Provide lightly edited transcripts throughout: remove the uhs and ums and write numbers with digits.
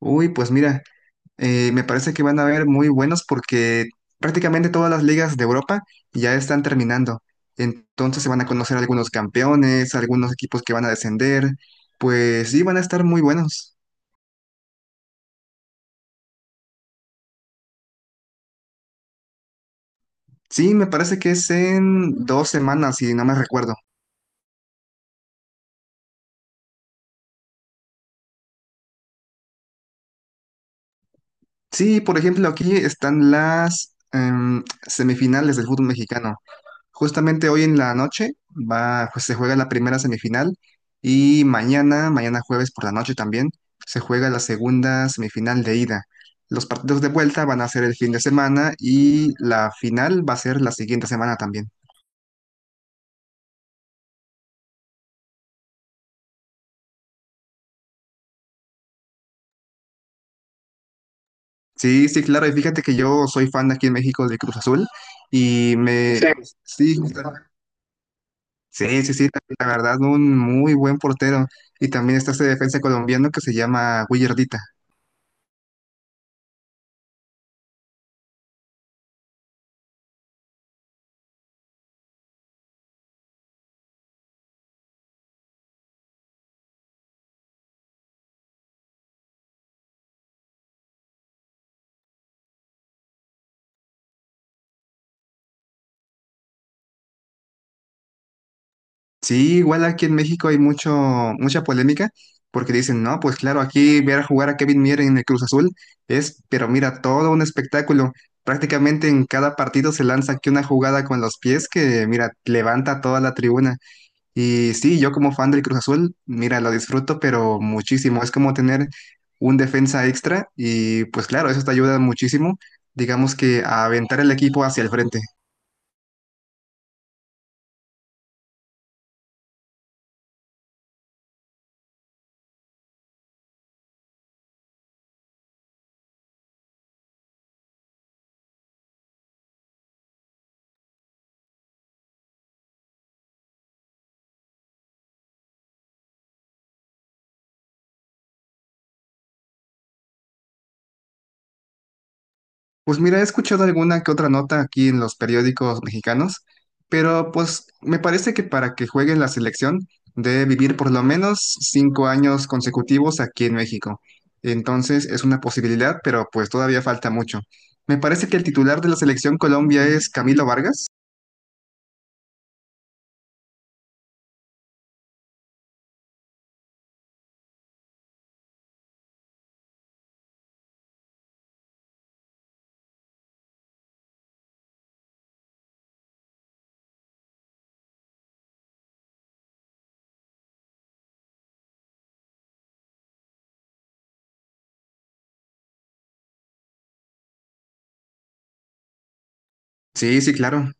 Uy, pues mira, me parece que van a haber muy buenos porque prácticamente todas las ligas de Europa ya están terminando. Entonces se van a conocer algunos campeones, algunos equipos que van a descender. Pues sí, van a estar muy buenos. Sí, me parece que es en 2 semanas, si no me recuerdo. Sí, por ejemplo, aquí están las semifinales del fútbol mexicano. Justamente hoy en la noche pues se juega la primera semifinal y mañana jueves por la noche también, se juega la segunda semifinal de ida. Los partidos de vuelta van a ser el fin de semana y la final va a ser la siguiente semana también. Sí, sí, claro, y fíjate que yo soy fan aquí en México de Cruz Azul Sí. Sí, sí, sí, sí, la verdad, un muy buen portero. Y también está este defensa colombiano que se llama Willardita. Sí, igual aquí en México hay mucho, mucha polémica porque dicen, no, pues claro, aquí ver jugar a Kevin Mier en el Cruz Azul es, pero mira, todo un espectáculo. Prácticamente en cada partido se lanza aquí una jugada con los pies que, mira, levanta toda la tribuna. Y sí, yo como fan del Cruz Azul, mira, lo disfruto, pero muchísimo. Es como tener un defensa extra y pues claro, eso te ayuda muchísimo, digamos que a aventar el equipo hacia el frente. Pues mira, he escuchado alguna que otra nota aquí en los periódicos mexicanos, pero pues me parece que para que juegue en la selección debe vivir por lo menos 5 años consecutivos aquí en México. Entonces es una posibilidad, pero pues todavía falta mucho. Me parece que el titular de la selección Colombia es Camilo Vargas. Sí, sí, claro.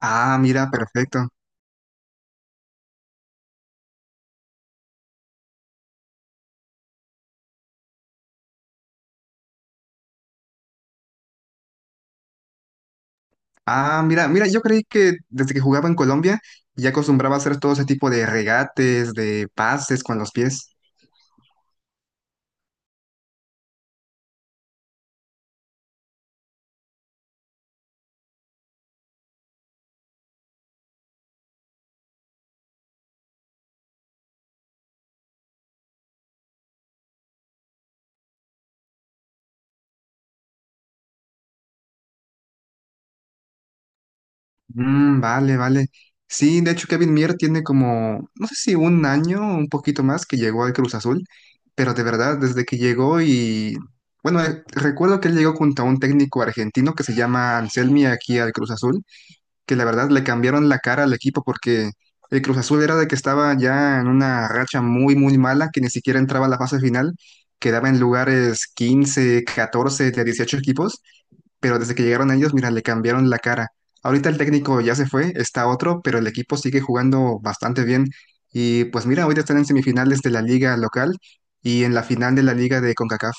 Ah, mira, perfecto. Ah, mira, mira, yo creí que desde que jugaba en Colombia ya acostumbraba a hacer todo ese tipo de regates, de pases con los pies. Mm, vale, vale. Sí, de hecho Kevin Mier tiene como, no sé si un año, un poquito más que llegó al Cruz Azul, pero de verdad, desde que llegó y, bueno, recuerdo que él llegó junto a un técnico argentino que se llama Anselmi aquí al Cruz Azul, que la verdad le cambiaron la cara al equipo porque el Cruz Azul era de que estaba ya en una racha muy, muy mala, que ni siquiera entraba a la fase final, quedaba en lugares 15 14 de 18 equipos, pero desde que llegaron ellos, mira, le cambiaron la cara. Ahorita el técnico ya se fue, está otro, pero el equipo sigue jugando bastante bien. Y pues mira, ahorita están en semifinales de la liga local y en la final de la liga de CONCACAF.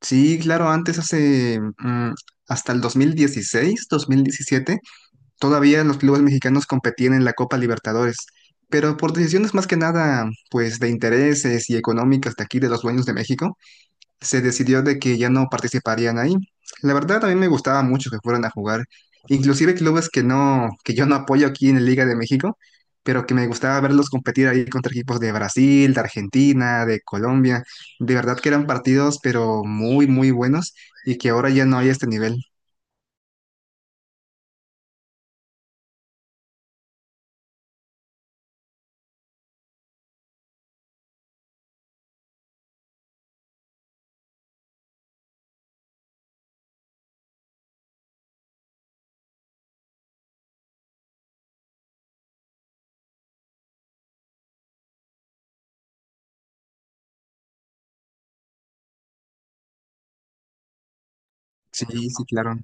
Sí, claro, antes hace hasta el 2016 2017 todavía los clubes mexicanos competían en la Copa Libertadores, pero por decisiones más que nada, pues de intereses y económicas de aquí de los dueños de México, se decidió de que ya no participarían ahí. La verdad, a mí me gustaba mucho que fueran a jugar, inclusive clubes que no, que yo no apoyo aquí en la Liga de México, pero que me gustaba verlos competir ahí contra equipos de Brasil, de Argentina, de Colombia. De verdad que eran partidos, pero muy, muy buenos y que ahora ya no hay este nivel. Sí, sí, claro.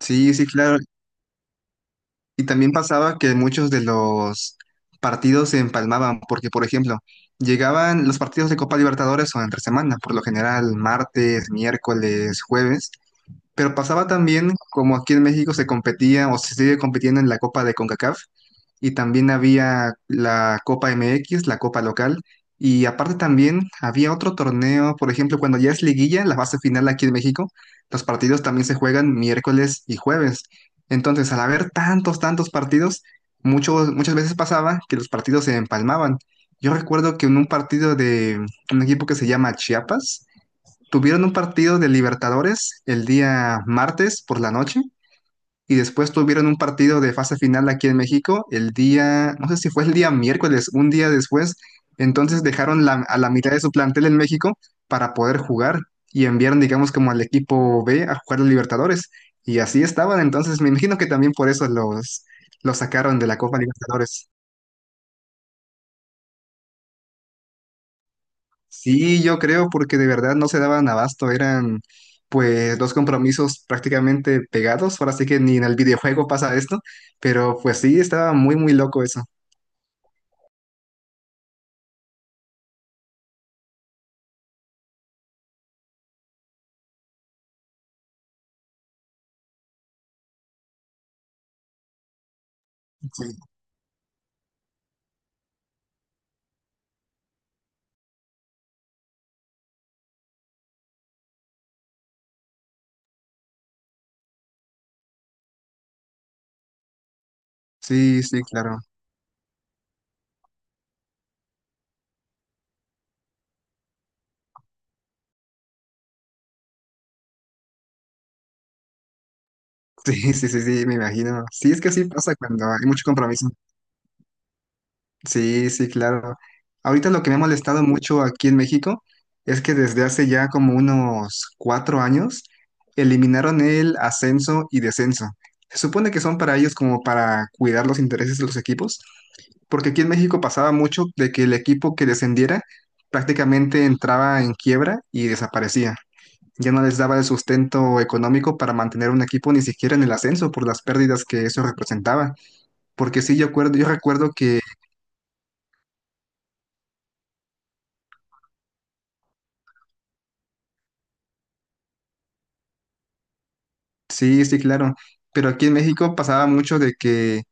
Sí, sí, claro. Y también pasaba que muchos de los partidos se empalmaban, porque, por ejemplo, llegaban los partidos de Copa Libertadores o entre semana, por lo general martes, miércoles, jueves, pero pasaba también, como aquí en México se competía o se sigue compitiendo en la Copa de CONCACAF, y también había la Copa MX, la Copa local, y aparte también había otro torneo, por ejemplo, cuando ya es liguilla, la fase final aquí en México, los partidos también se juegan miércoles y jueves. Entonces, al haber tantos, tantos partidos, muchas veces pasaba que los partidos se empalmaban. Yo recuerdo que en un partido de un equipo que se llama Chiapas, tuvieron un partido de Libertadores el día martes por la noche y después tuvieron un partido de fase final aquí en México el día, no sé si fue el día miércoles, un día después. Entonces dejaron a la mitad de su plantel en México para poder jugar y enviaron, digamos, como al equipo B a jugar los Libertadores. Y así estaban. Entonces me imagino que también por eso los, sacaron de la Copa Libertadores. Sí, yo creo, porque de verdad no se daban abasto. Eran pues dos compromisos prácticamente pegados. Ahora sí que ni en el videojuego pasa esto. Pero pues sí, estaba muy, muy loco eso. Sí, sí, claro. Sí, sí, sí, sí, me imagino. Sí, es que así pasa cuando hay mucho compromiso. Sí, sí, claro. Ahorita lo que me ha molestado mucho aquí en México es que desde hace ya como unos 4 años eliminaron el ascenso y descenso. Se supone que son para ellos como para cuidar los intereses de los equipos, porque aquí en México pasaba mucho de que el equipo que descendiera prácticamente entraba en quiebra y desaparecía. Ya no les daba el sustento económico para mantener un equipo ni siquiera en el ascenso por las pérdidas que eso representaba. Porque sí, yo recuerdo que sí, sí, claro. Pero aquí en México pasaba mucho de que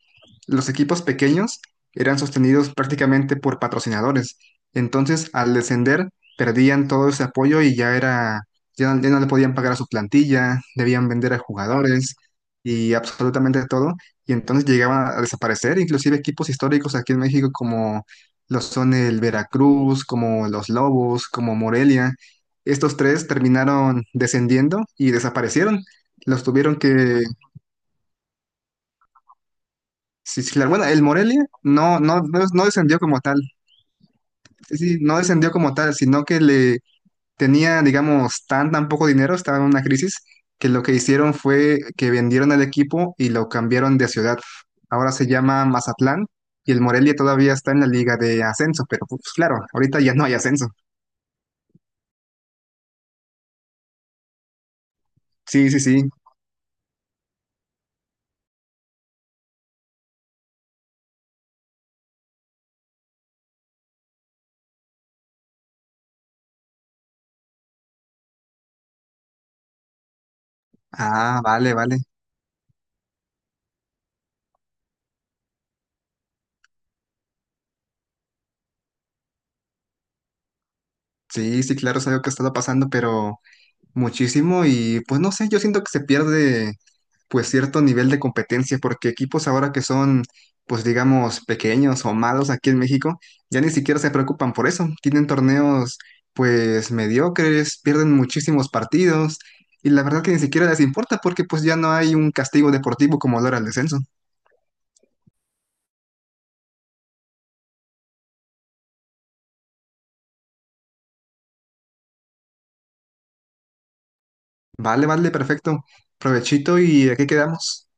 los equipos pequeños eran sostenidos prácticamente por patrocinadores. Entonces, al descender, perdían todo ese apoyo y ya era, ya, no ya no le podían pagar a su plantilla, debían vender a jugadores y absolutamente todo. Y entonces llegaban a desaparecer, inclusive equipos históricos aquí en México como lo son el Veracruz, como los Lobos, como Morelia. Estos tres terminaron descendiendo y desaparecieron. Los tuvieron que sí, sí, claro. Bueno, el Morelia no, no, no, no descendió como tal. Sí, sí, no descendió como tal, sino que le tenía, digamos, tan, tan poco dinero, estaba en una crisis, que lo que hicieron fue que vendieron el equipo y lo cambiaron de ciudad. Ahora se llama Mazatlán y el Morelia todavía está en la liga de ascenso, pero pues claro, ahorita ya no hay ascenso. Sí, sí, sí. Ah, vale, vale. Sí, sí, claro, es algo que ha estado pasando, pero muchísimo y pues no sé, yo siento que se pierde pues cierto nivel de competencia, porque equipos ahora que son, pues digamos, pequeños o malos aquí en México, ya ni siquiera se preocupan por eso. Tienen torneos, pues mediocres, pierden muchísimos partidos y la verdad que ni siquiera les importa porque pues ya no hay un castigo deportivo como lo era el descenso. Vale, vale, perfecto. Provechito y aquí quedamos.